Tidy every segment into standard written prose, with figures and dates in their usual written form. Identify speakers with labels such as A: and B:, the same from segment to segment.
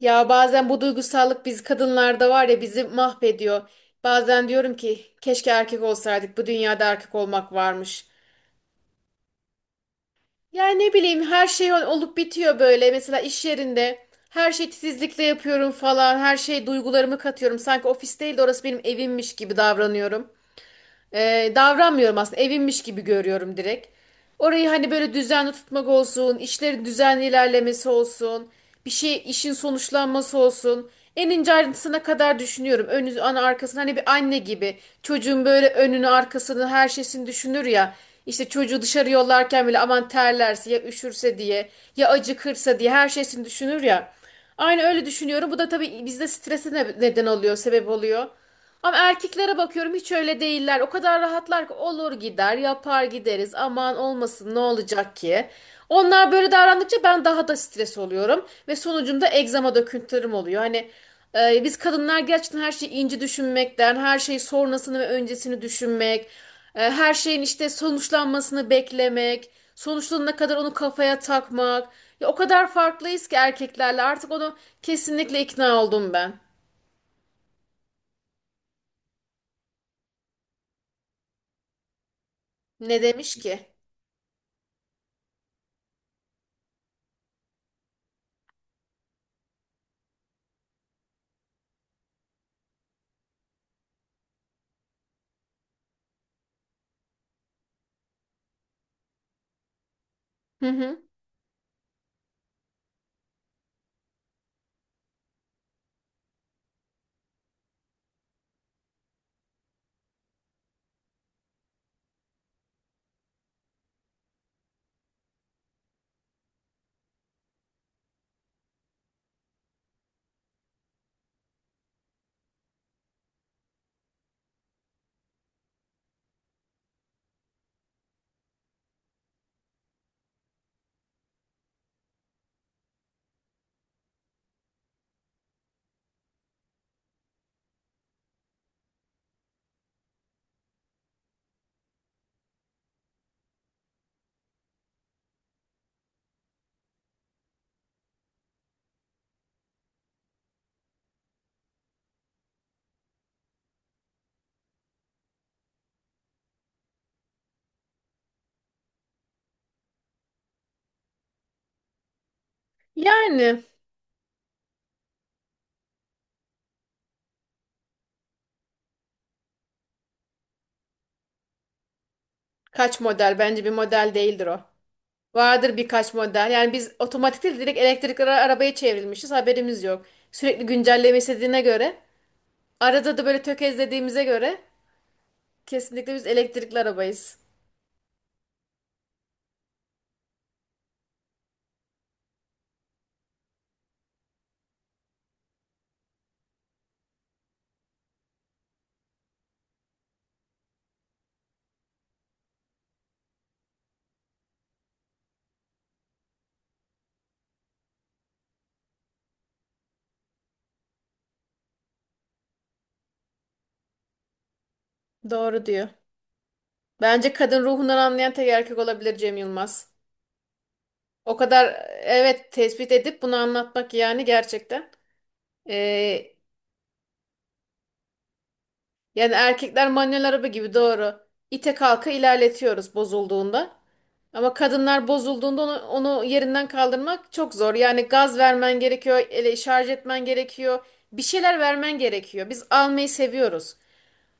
A: Ya bazen bu duygusallık biz kadınlarda var ya bizi mahvediyor. Bazen diyorum ki keşke erkek olsaydık. Bu dünyada erkek olmak varmış. Yani ne bileyim her şey olup bitiyor böyle. Mesela iş yerinde her şeyi titizlikle yapıyorum falan. Her şey duygularımı katıyorum. Sanki ofis değil de orası benim evimmiş gibi davranıyorum. Davranmıyorum aslında. Evimmiş gibi görüyorum direkt. Orayı hani böyle düzenli tutmak olsun, işlerin düzenli ilerlemesi olsun, bir şey işin sonuçlanması olsun. En ince ayrıntısına kadar düşünüyorum. Önü, ana arkasını hani bir anne gibi çocuğun böyle önünü arkasını her şeysini düşünür ya. İşte çocuğu dışarı yollarken bile aman terlerse ya üşürse diye ya acıkırsa diye her şeysini düşünür ya. Aynı öyle düşünüyorum. Bu da tabii bizde strese neden oluyor, sebep oluyor. Ama erkeklere bakıyorum hiç öyle değiller. O kadar rahatlar ki olur gider, yapar gideriz. Aman olmasın ne olacak ki? Onlar böyle davrandıkça ben daha da stres oluyorum ve sonucunda egzama döküntülerim oluyor. Hani biz kadınlar gerçekten her şeyi ince düşünmekten, her şeyi sonrasını ve öncesini düşünmek, her şeyin işte sonuçlanmasını beklemek, sonuçlanana kadar onu kafaya takmak. Ya o kadar farklıyız ki erkeklerle artık onu kesinlikle ikna oldum ben. Ne demiş ki? Hı hı. Yani kaç model bence bir model değildir o. Vardır birkaç model. Yani biz otomatik değil direkt elektrikli arabaya çevrilmişiz haberimiz yok. Sürekli güncelleme istediğine göre arada da böyle tökezlediğimize göre kesinlikle biz elektrikli arabayız. Doğru diyor. Bence kadın ruhundan anlayan tek erkek olabilir Cem Yılmaz. O kadar evet tespit edip bunu anlatmak yani gerçekten. Ee, Yani erkekler manuel araba gibi doğru. İte kalka ilerletiyoruz bozulduğunda. Ama kadınlar bozulduğunda onu yerinden kaldırmak çok zor. Yani gaz vermen gerekiyor, ele şarj etmen gerekiyor. Bir şeyler vermen gerekiyor. Biz almayı seviyoruz.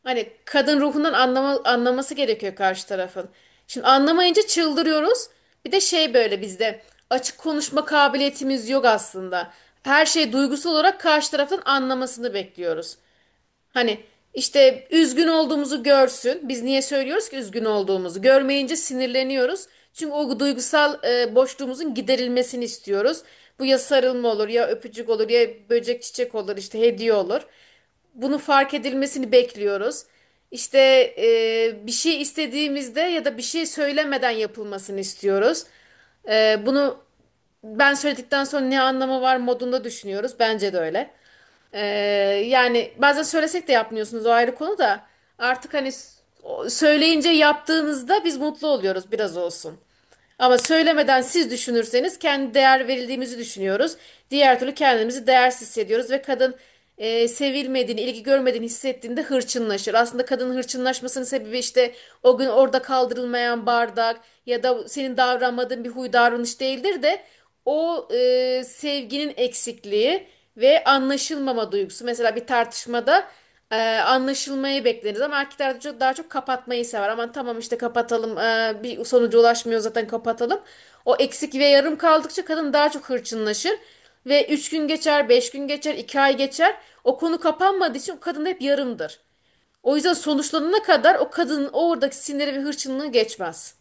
A: Hani kadın ruhundan anlaması gerekiyor karşı tarafın. Şimdi anlamayınca çıldırıyoruz. Bir de şey böyle bizde açık konuşma kabiliyetimiz yok aslında. Her şeyi duygusal olarak karşı tarafın anlamasını bekliyoruz. Hani işte üzgün olduğumuzu görsün. Biz niye söylüyoruz ki üzgün olduğumuzu? Görmeyince sinirleniyoruz. Çünkü o duygusal boşluğumuzun giderilmesini istiyoruz. Bu ya sarılma olur, ya öpücük olur, ya böcek çiçek olur, işte hediye olur. Bunu fark edilmesini bekliyoruz. İşte bir şey istediğimizde ya da bir şey söylemeden yapılmasını istiyoruz. Bunu ben söyledikten sonra ne anlamı var modunda düşünüyoruz. Bence de öyle. Ee, Yani bazen söylesek de yapmıyorsunuz o ayrı konu da artık hani söyleyince yaptığınızda biz mutlu oluyoruz biraz olsun. Ama söylemeden siz düşünürseniz kendi değer verildiğimizi düşünüyoruz. Diğer türlü kendimizi değersiz hissediyoruz ve kadın sevilmediğini, ilgi görmediğini hissettiğinde hırçınlaşır. Aslında kadının hırçınlaşmasının sebebi işte o gün orada kaldırılmayan bardak ya da senin davranmadığın bir huy davranış değildir de o sevginin eksikliği ve anlaşılmama duygusu. Mesela bir tartışmada anlaşılmayı bekleriz ama erkekler de çok, daha çok kapatmayı sever. Aman tamam işte kapatalım bir sonuca ulaşmıyor zaten kapatalım. O eksik ve yarım kaldıkça kadın daha çok hırçınlaşır. Ve 3 gün geçer, 5 gün geçer, 2 ay geçer. O konu kapanmadığı için o kadın hep yarımdır. O yüzden sonuçlanana kadar o kadının oradaki siniri ve hırçınlığı geçmez.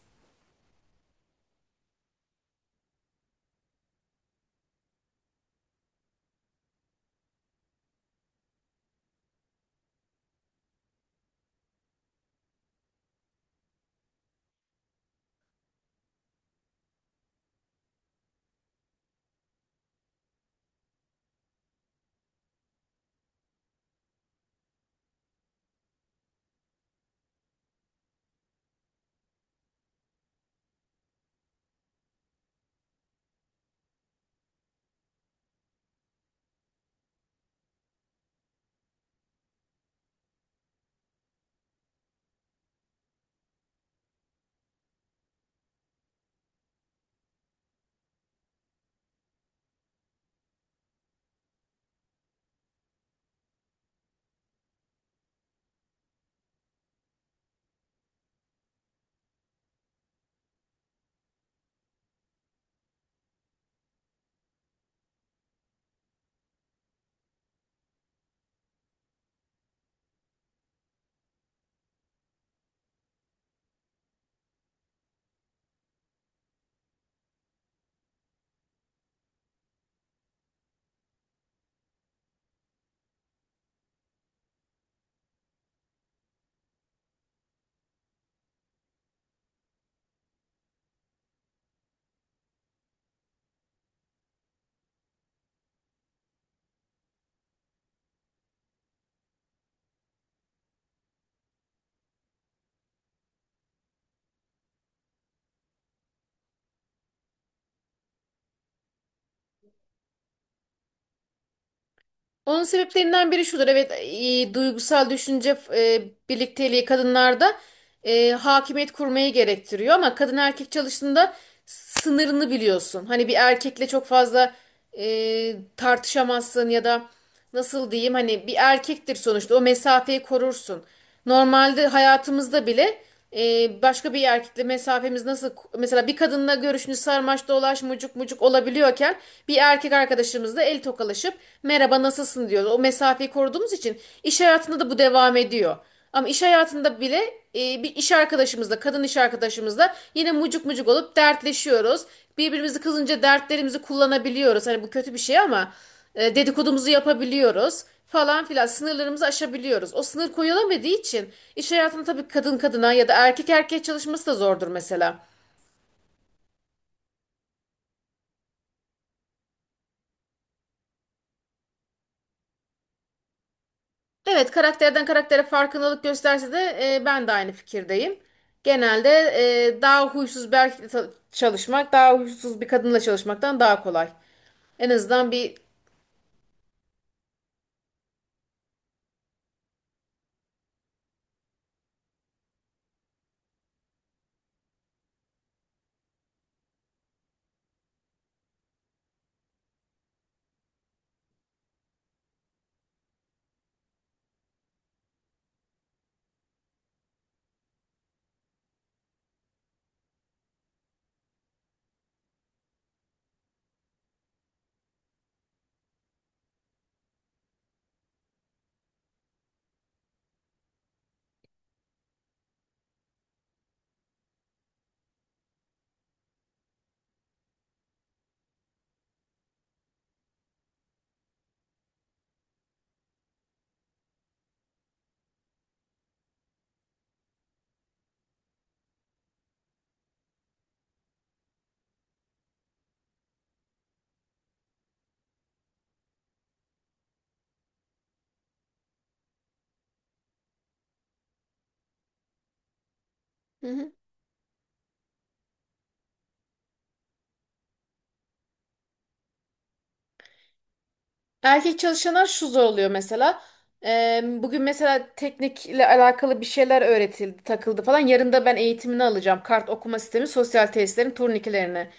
A: Onun sebeplerinden biri şudur. Evet, duygusal düşünce birlikteliği kadınlarda hakimiyet kurmayı gerektiriyor ama kadın erkek çalıştığında sınırını biliyorsun. Hani bir erkekle çok fazla tartışamazsın ya da nasıl diyeyim hani bir erkektir sonuçta o mesafeyi korursun. Normalde hayatımızda bile başka bir erkekle mesafemiz nasıl mesela bir kadınla görüşünü sarmaş dolaş mucuk mucuk olabiliyorken bir erkek arkadaşımızla el tokalaşıp merhaba nasılsın diyoruz. O mesafeyi koruduğumuz için iş hayatında da bu devam ediyor. Ama iş hayatında bile bir iş arkadaşımızla, kadın iş arkadaşımızla yine mucuk mucuk olup dertleşiyoruz. Birbirimizi kızınca dertlerimizi kullanabiliyoruz. Hani bu kötü bir şey ama dedikodumuzu yapabiliyoruz falan filan. Sınırlarımızı aşabiliyoruz. O sınır koyulamadığı için iş hayatında tabii kadın kadına ya da erkek erkeğe çalışması da zordur mesela. Evet, karakterden karaktere farkındalık gösterse de ben de aynı fikirdeyim. Genelde daha huysuz bir erkekle çalışmak, daha huysuz bir kadınla çalışmaktan daha kolay. En azından bir. Hı hı. Erkek çalışanlar şu zorluyor mesela. Bugün mesela teknikle alakalı bir şeyler öğretildi, takıldı falan. Yarın da ben eğitimini alacağım. Kart okuma sistemi sosyal tesislerin turnikelerine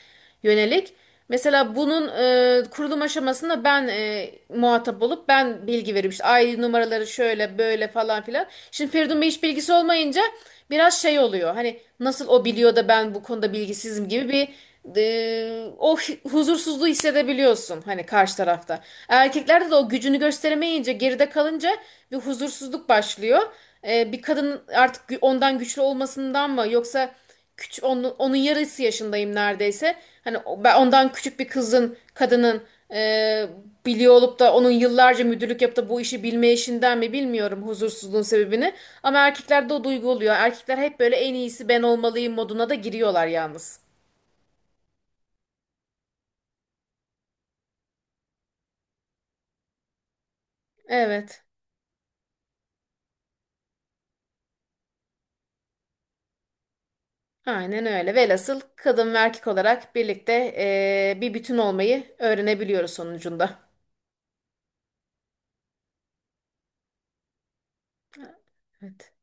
A: yönelik. Mesela bunun kurulum aşamasında ben muhatap olup ben bilgi veriyorum. İşte ID numaraları şöyle böyle falan filan. Şimdi Feridun Bey hiç bilgisi olmayınca biraz şey oluyor. Hani nasıl o biliyor da ben bu konuda bilgisizim gibi bir o huzursuzluğu hissedebiliyorsun hani karşı tarafta. Erkeklerde de o gücünü gösteremeyince, geride kalınca bir huzursuzluk başlıyor. Bir kadın artık ondan güçlü olmasından mı yoksa küçük onun, onun yarısı yaşındayım neredeyse. Hani ben ondan küçük bir kızın, kadının e, biliyor olup da onun yıllarca müdürlük yapıp da bu işi bilme işinden mi bilmiyorum huzursuzluğun sebebini. Ama erkeklerde o duygu oluyor. Erkekler hep böyle en iyisi ben olmalıyım moduna da giriyorlar yalnız. Evet. Aynen öyle. Velhasıl kadın ve erkek olarak birlikte bir bütün olmayı öğrenebiliyoruz sonucunda. Evet.